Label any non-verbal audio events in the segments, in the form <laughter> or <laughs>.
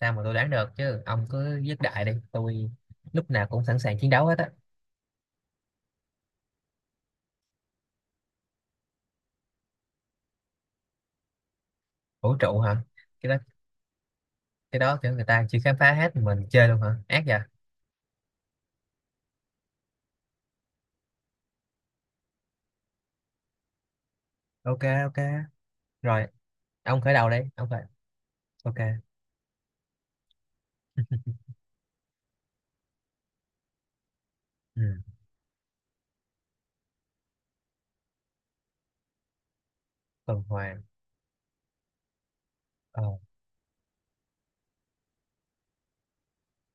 Sao mà tôi đoán được chứ? Ông cứ dứt đại đi, tôi lúc nào cũng sẵn sàng chiến đấu hết á. Vũ trụ hả? Cái đó cái đó kiểu người ta chưa khám phá hết mình chơi luôn hả, ác vậy. OK. OK, rồi. Ông khởi đầu đi ông, khởi. OK. <laughs> Ừ. Tuần hoàn. Ờ.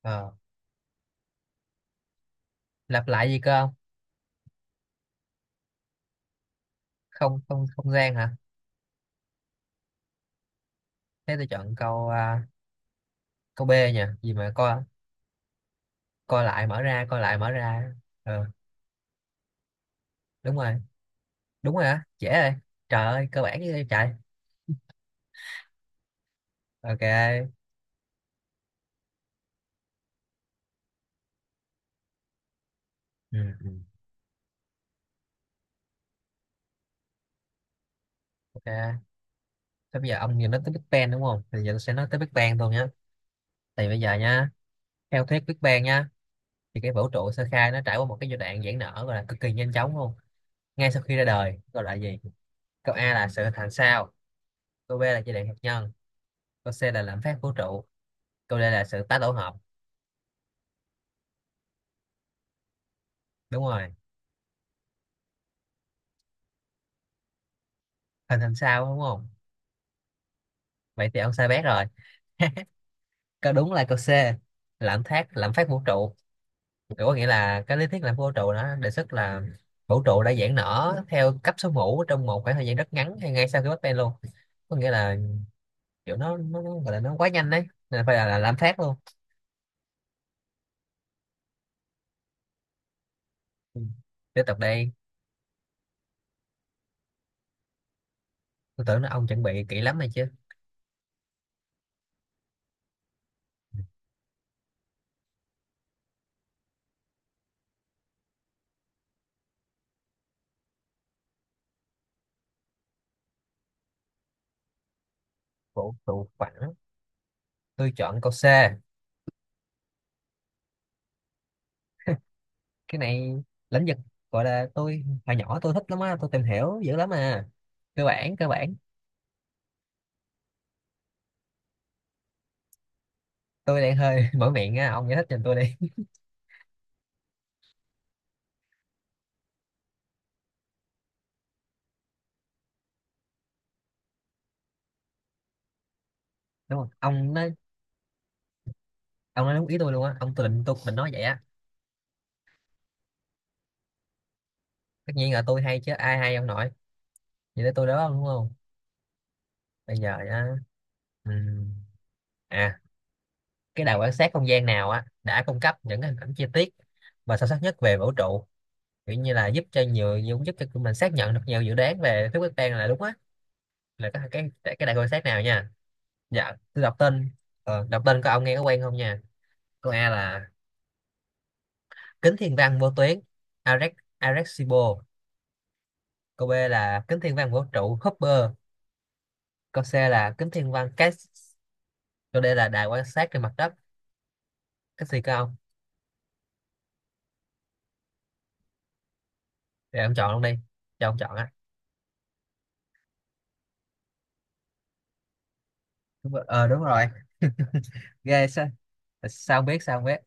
Ờ, lặp lại gì cơ ông? Không không không gian hả? Thế tôi chọn câu B nha, gì mà coi. Coi lại mở ra, coi lại mở ra. Ờ đúng rồi, đúng rồi á, dễ rồi. Trời ơi, cơ bản như vậy trời. OK. Ừ, ừ. OK. Thế bây giờ ông vừa nói tới Big Bang đúng không? Thì giờ tôi sẽ nói tới Big Bang thôi nhé. Thì bây giờ nha, theo thuyết Big Bang nha, thì cái vũ trụ sơ khai nó trải qua một cái giai đoạn giãn nở gọi là cực kỳ nhanh chóng luôn. Ngay sau khi ra đời, gọi là gì? Câu A là sự hình thành sao, câu B là giai đoạn hạt nhân, câu C là lạm phát vũ trụ, câu D là sự tái tổ hợp. Đúng rồi, hình thành sao đúng không? Vậy thì ông sai bét rồi. Câu đúng là câu C, lạm phát vũ trụ. Kiểu có nghĩa là cái lý thuyết làm vũ trụ nó đề xuất là vũ trụ đã giãn nở theo cấp số mũ trong một khoảng thời gian rất ngắn hay ngay sau khi Big Bang luôn, có nghĩa là kiểu nó gọi là nó quá nhanh đấy nên phải là làm phát luôn. Ừ. Tiếp tục đây. Tôi tưởng là ông chuẩn bị kỹ lắm này chứ. Vũ trụ phẳng, tôi chọn câu C. Cái này lĩnh vực gọi là tôi hồi nhỏ tôi thích lắm á, tôi tìm hiểu dữ lắm à. Cơ bản, cơ bản. Tôi đang hơi <laughs> mở miệng á, ông giải thích cho tôi đi. Đúng không ông nói? Ông nói đúng ý tôi luôn á ông, tôi định nói vậy á. Tất nhiên là tôi hay chứ ai hay, ông nội. Vậy tới tôi đó đúng không? Bây giờ nhá. ừm, à cái đài quan sát không gian nào á đã cung cấp những cái hình ảnh chi tiết và sâu sắc nhất về vũ trụ, kiểu như là giúp cho nhiều, giúp giúp cho tụi mình xác nhận được nhiều dự đoán về thuyết Big Bang là đúng á, là cái, cái đài quan sát nào nha? Dạ tôi đọc tên. Đọc tên của ông nghe có quen không nha. Câu A là kính thiên văn vô tuyến Arex, Arecibo. Câu B là kính thiên văn vũ trụ Hubble. Câu C là kính thiên văn Cassiopeia. Câu D là đài quan sát trên mặt đất. Cách xì cơ ông. Để ông chọn luôn đi, cho ông chọn á. Đúng rồi. Ờ đúng rồi. <laughs> Ghê sao? Sao không biết, sao không biết.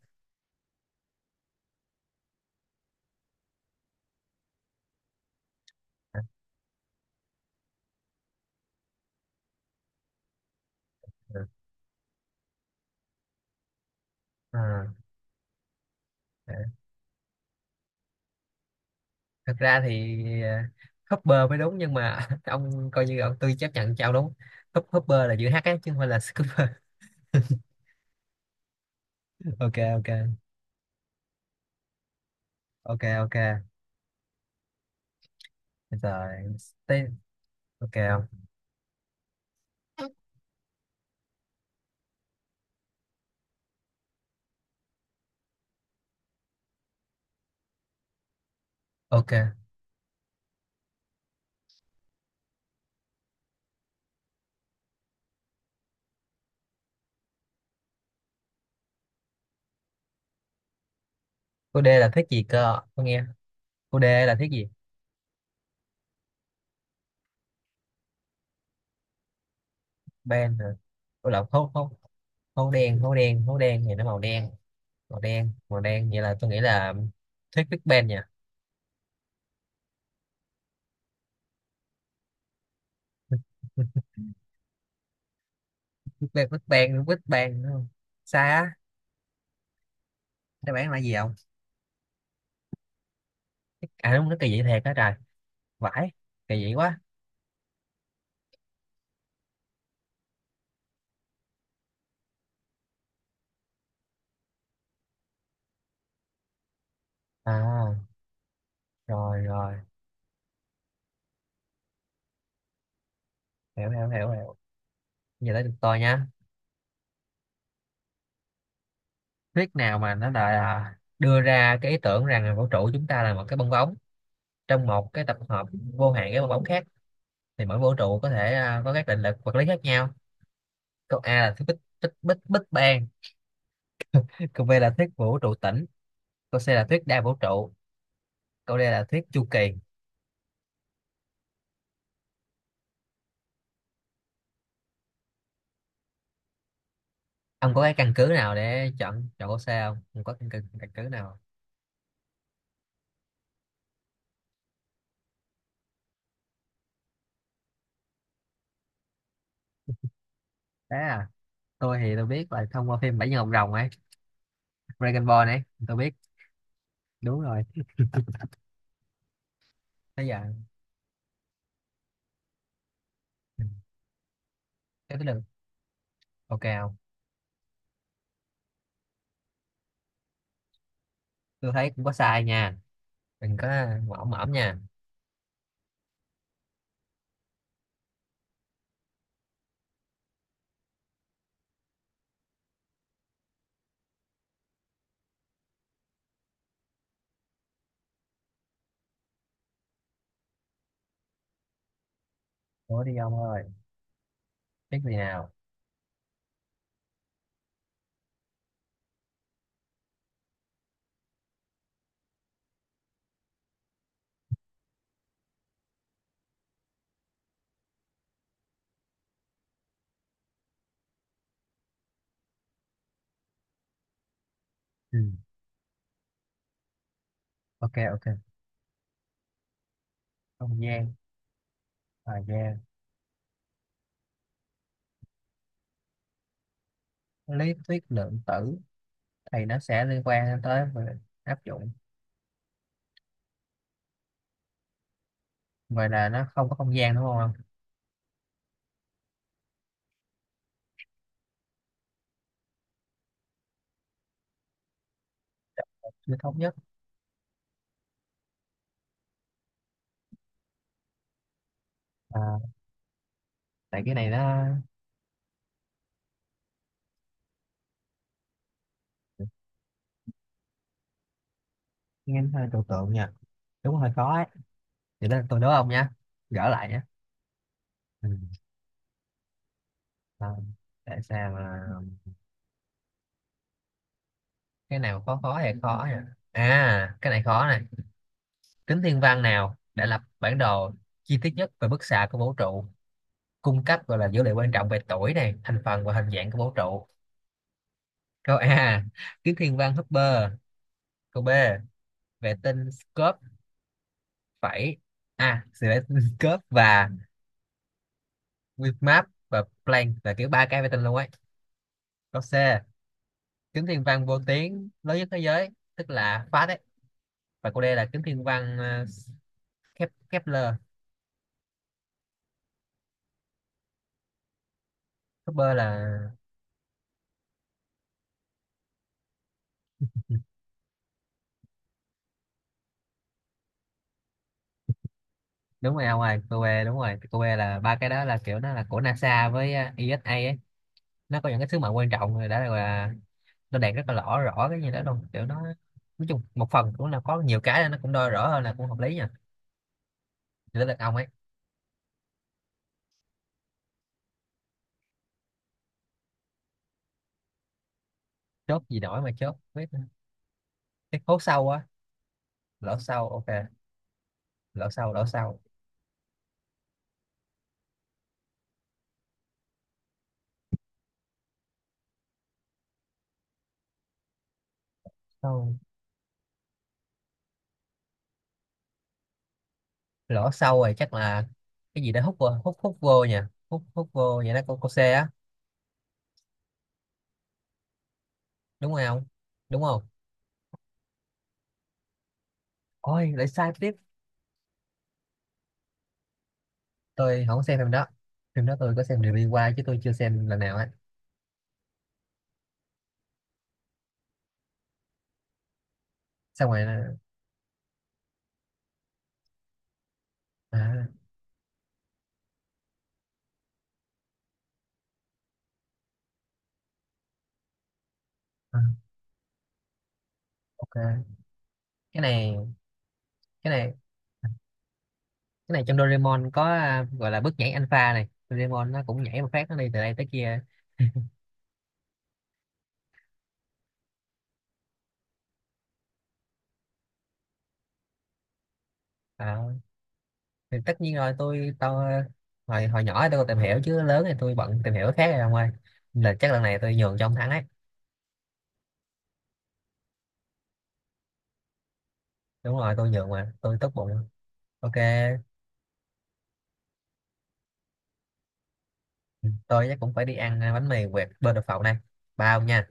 Ờ, ờ. À. Thật ra thì Hopper mới đúng nhưng mà <laughs> ông coi như ông, tôi chấp nhận cho ông đúng. Hopper là chữ H á chứ không phải là Scooper. <laughs> OK, OK. OK, OK. Bây giờ tên, OK không? OK, cô D là thuyết gì cơ tôi nghe? Cô D là thuyết gì? Ben hả? Cô lộc hố hố, hố đen hố đen thì nó màu đen, màu đen, vậy là tôi nghĩ là thuyết Big Bang nha. <laughs> Big Bang, Big Bang, Big Bang đúng không? Sai á? Đáp án là gì không? À đúng, nó kỳ dị thiệt đó trời. Vãi. Kỳ dị quá. À rồi, rồi. Hiểu, hiểu, hiểu, hiểu. Giờ tới được tôi nha. Thuyết nào mà nó là đưa ra cái ý tưởng rằng là vũ trụ chúng ta là một cái bong bóng trong một cái tập hợp vô hạn cái bong bóng khác, thì mỗi vũ trụ có thể có các định lực vật lý khác nhau? Câu A là thuyết Big Big Big Big Bang. Câu B là thuyết vũ trụ tĩnh. Câu C là thuyết đa vũ trụ. Câu đây là thuyết chu kỳ. Ông có cái căn cứ nào để chọn chọn câu C không? Ông có căn cứ nào không? Thế tôi thì tôi biết là thông qua phim Bảy Nhân Ngọc Rồng ấy, Dragon Ball ấy, tôi biết, đúng rồi. Bây giờ, ừ, cái được, OK không? Tôi thấy cũng có sai nha, đừng có mõm mõm nha. Ủa đi ông ơi, biết gì nào? Ừ, OK, OK. Không gian, thời gian. Lý thuyết lượng tử thì nó sẽ liên quan tới về áp dụng. Vậy là nó không có không gian đúng không? Chưa thống nhất. À, tại cái này nó nghe hơi trừu tượng nhỉ. Đúng, hơi khó ấy. Thì đó, tôi đố ông nhá, gỡ lại nhá. Ừ. Không, tại sao mà cái nào khó, khó hay khó nhỉ. À cái này khó này. Kính thiên văn nào đã lập bản đồ chi tiết nhất về bức xạ của vũ trụ, cung cấp gọi là dữ liệu quan trọng về tuổi này, thành phần và hình dạng của vũ trụ? Câu A, kính thiên văn Hubble. Câu B, vệ tinh Scopes, phẩy a, vệ tinh Scopes và Weather và Planck, là kiểu ba cái vệ tinh luôn ấy. Câu C, kiếm thiên văn vô tuyến lớn nhất thế giới, tức là Pháp đấy. Và cô đây là kiếm thiên văn Kepler. Kepler là, đúng rồi. Ngoài cô bé đúng rồi, cô bé là ba cái đó là kiểu nó là của NASA với ESA ấy. Nó có những cái sứ mệnh quan trọng rồi đã là, nó đạt rất là rõ, rõ cái gì đó luôn kiểu nó, nói chung một phần cũng là có nhiều cái nó cũng đo rõ hơn, là cũng hợp lý nha. Chỉ là ông ấy. Chốt gì nổi mà chốt biết. Cái hố sâu á. Lỗ sâu, OK. Lỗ sâu, lỗ sâu. Sâu. Lỗ sâu rồi, chắc là cái gì đó hút vô, hút hút vô nha, hút hút vô vậy đó, cô xe á, đúng không? Đúng không? Ôi lại sai tiếp. Tôi không xem phim đó, phim đó tôi có xem review qua chứ tôi chưa xem lần nào á. Xong rồi là. À, à, OK, cái này cái này. Cái này trong Doraemon có gọi là bước nhảy alpha này, Doraemon nó cũng nhảy một phát nó đi từ đây tới kia. À, thì tất nhiên rồi, tôi hồi, hồi nhỏ tôi còn tìm hiểu chứ lớn thì tôi bận tìm hiểu cái khác rồi ông ơi, là chắc lần này tôi nhường cho ông thắng ấy. Đúng rồi, tôi nhượng mà, tôi tốt bụng. OK, tôi chắc cũng phải đi ăn bánh mì quẹt bên đập phộng này, bao nha.